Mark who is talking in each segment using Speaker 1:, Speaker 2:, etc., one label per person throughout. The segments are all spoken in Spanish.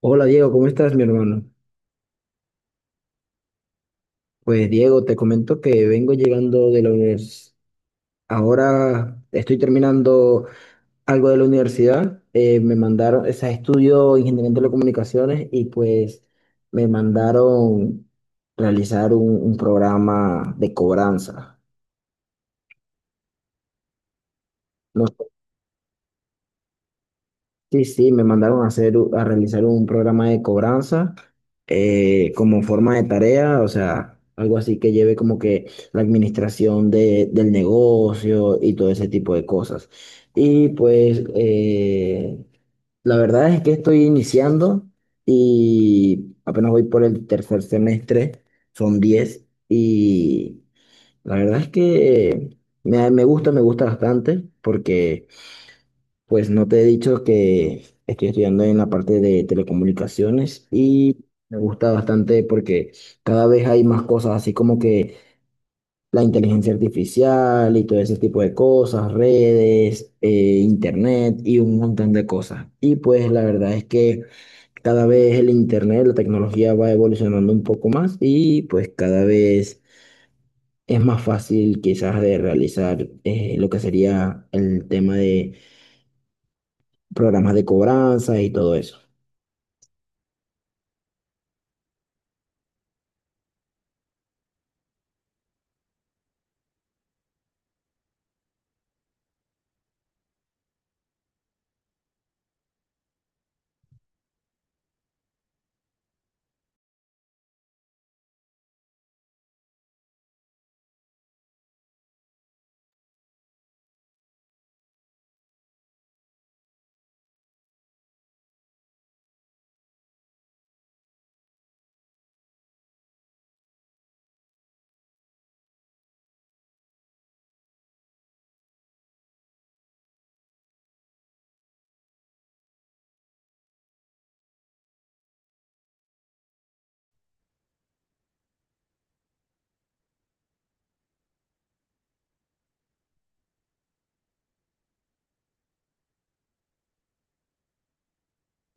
Speaker 1: Hola Diego, ¿cómo estás, mi hermano? Pues Diego, te comento que vengo llegando de la universidad. Ahora estoy terminando algo de la universidad. Me mandaron, o sea, estudio Ingeniería en Telecomunicaciones y pues me mandaron realizar un programa de cobranza. No. Sí, sí, me mandaron a hacer, a realizar un programa de cobranza, como forma de tarea, o sea, algo así que lleve como que la administración del negocio y todo ese tipo de cosas. Y pues la verdad es que estoy iniciando y apenas voy por el tercer semestre, son 10. Y la verdad es que me gusta bastante porque pues no te he dicho que estoy estudiando en la parte de telecomunicaciones y me gusta bastante porque cada vez hay más cosas, así como que la inteligencia artificial y todo ese tipo de cosas, redes, internet y un montón de cosas. Y pues la verdad es que cada vez el internet, la tecnología va evolucionando un poco más y pues cada vez es más fácil quizás de realizar, lo que sería el tema de programas de cobranza y todo eso.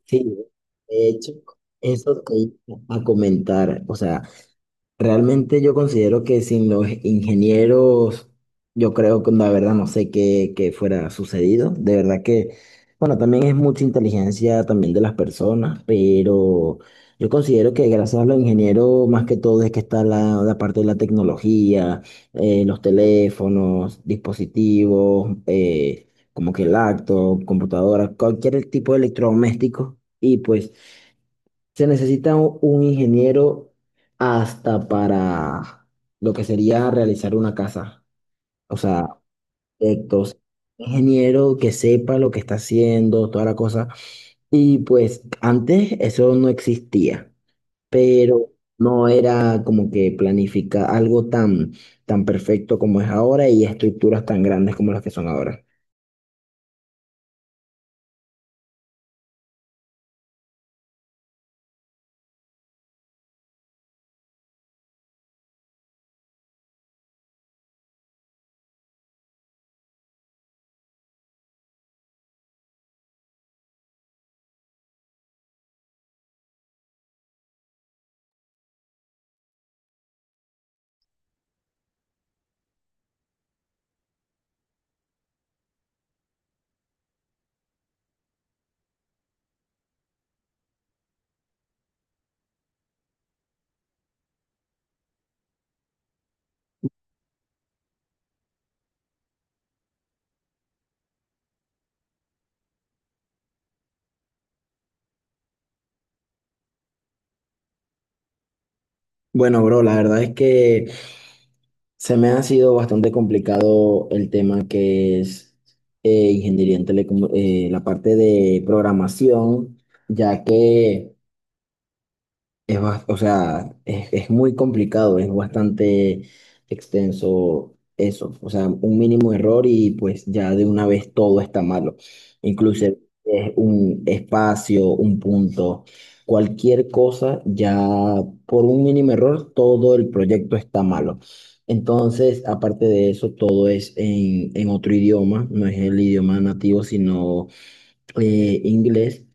Speaker 1: Sí, de hecho, eso te iba a comentar, o sea, realmente yo considero que sin los ingenieros, yo creo que la verdad no sé qué fuera sucedido. De verdad que, bueno, también es mucha inteligencia también de las personas, pero yo considero que gracias a los ingenieros, más que todo, es que está la, la parte de la tecnología, los teléfonos, dispositivos, como que laptop, computadoras, cualquier tipo de electrodoméstico. Y pues se necesita un ingeniero hasta para lo que sería realizar una casa. O sea, proyectos, ingeniero que sepa lo que está haciendo, toda la cosa. Y pues antes eso no existía, pero no era como que planifica algo tan, tan perfecto como es ahora y estructuras tan grandes como las que son ahora. Bueno, bro, la verdad es que se me ha sido bastante complicado el tema que es, ingeniería en la parte de programación, ya que o sea, es muy complicado, es bastante extenso eso. O sea, un mínimo error y pues ya de una vez todo está malo. Incluso es un espacio, un punto, cualquier cosa, ya por un mínimo error todo el proyecto está malo. Entonces, aparte de eso, todo es en otro idioma, no es el idioma nativo, sino, inglés.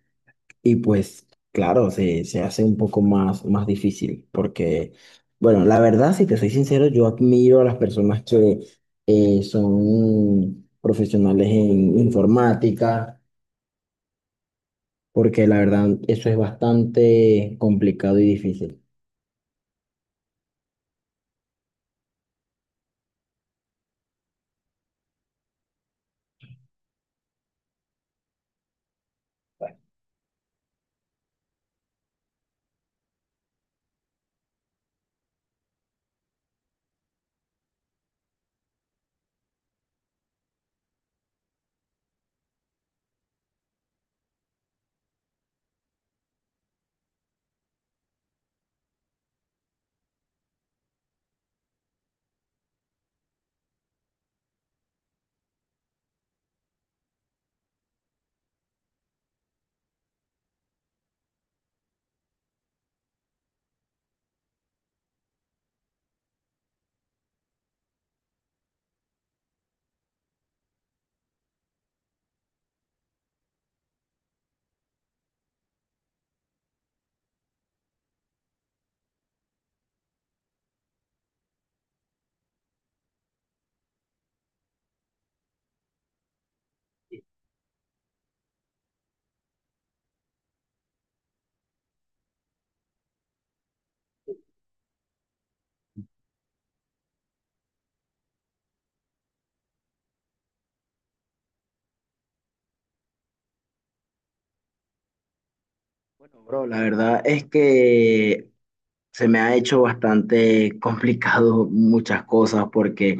Speaker 1: Y pues, claro, se hace un poco más difícil porque, bueno, la verdad, si te soy sincero, yo admiro a las personas que, son profesionales en informática, porque la verdad, eso es bastante complicado y difícil. Bueno, bro, la verdad es que se me ha hecho bastante complicado muchas cosas porque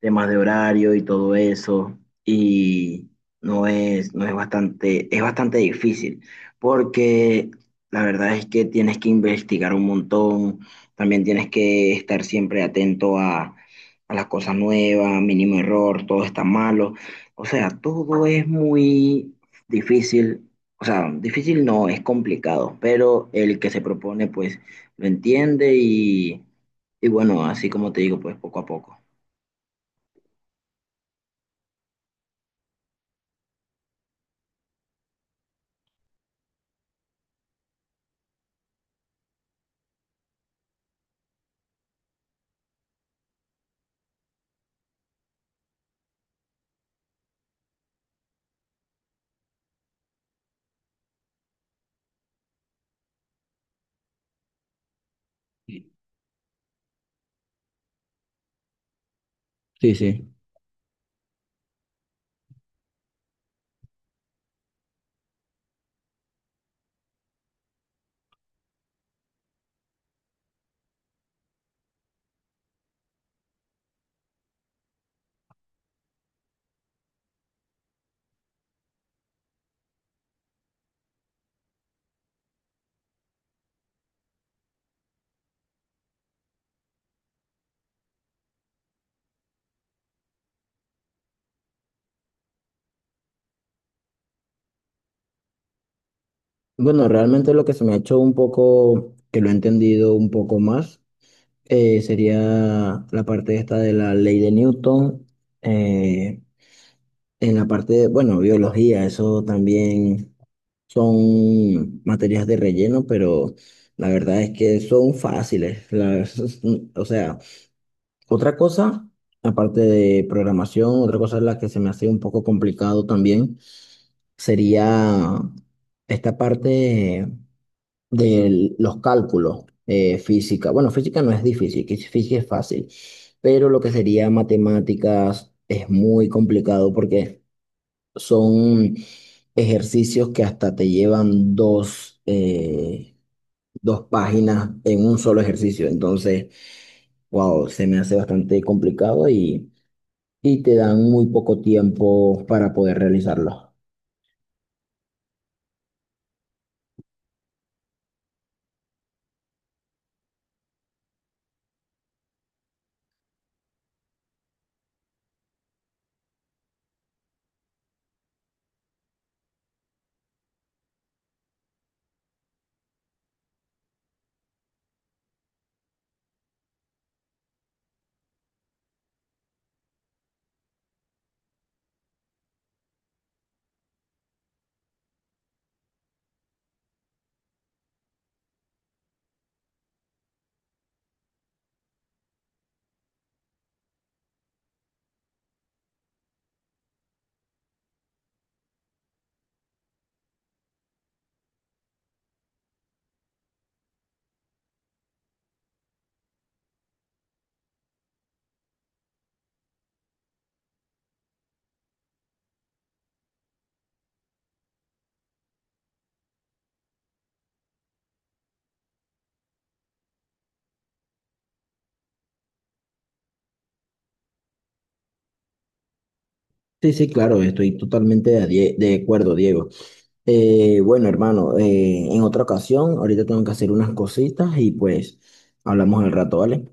Speaker 1: temas de horario y todo eso, y no es bastante, es bastante difícil porque la verdad es que tienes que investigar un montón, también tienes que estar siempre atento a las cosas nuevas, mínimo error, todo está malo, o sea, todo es muy difícil, o sea, difícil no, es complicado, pero el que se propone pues lo entiende y bueno, así como te digo, pues poco a poco. Sí, sí. Bueno, realmente lo que se me ha hecho un poco, que lo he entendido un poco más, sería la parte esta de la ley de Newton, eh, en la parte de, bueno, biología, eso también son materias de relleno, pero la verdad es que son fáciles. O sea, otra cosa, aparte de programación, otra cosa en la que se me hace un poco complicado también sería esta parte de los cálculos, física. Bueno, física no es difícil, que física es fácil, pero lo que sería matemáticas es muy complicado porque son ejercicios que hasta te llevan dos páginas en un solo ejercicio. Entonces, wow, se me hace bastante complicado y te dan muy poco tiempo para poder realizarlo. Sí, sí, claro, estoy totalmente de acuerdo, Diego. Bueno, hermano, en otra ocasión, ahorita tengo que hacer unas cositas y pues hablamos al rato, ¿vale?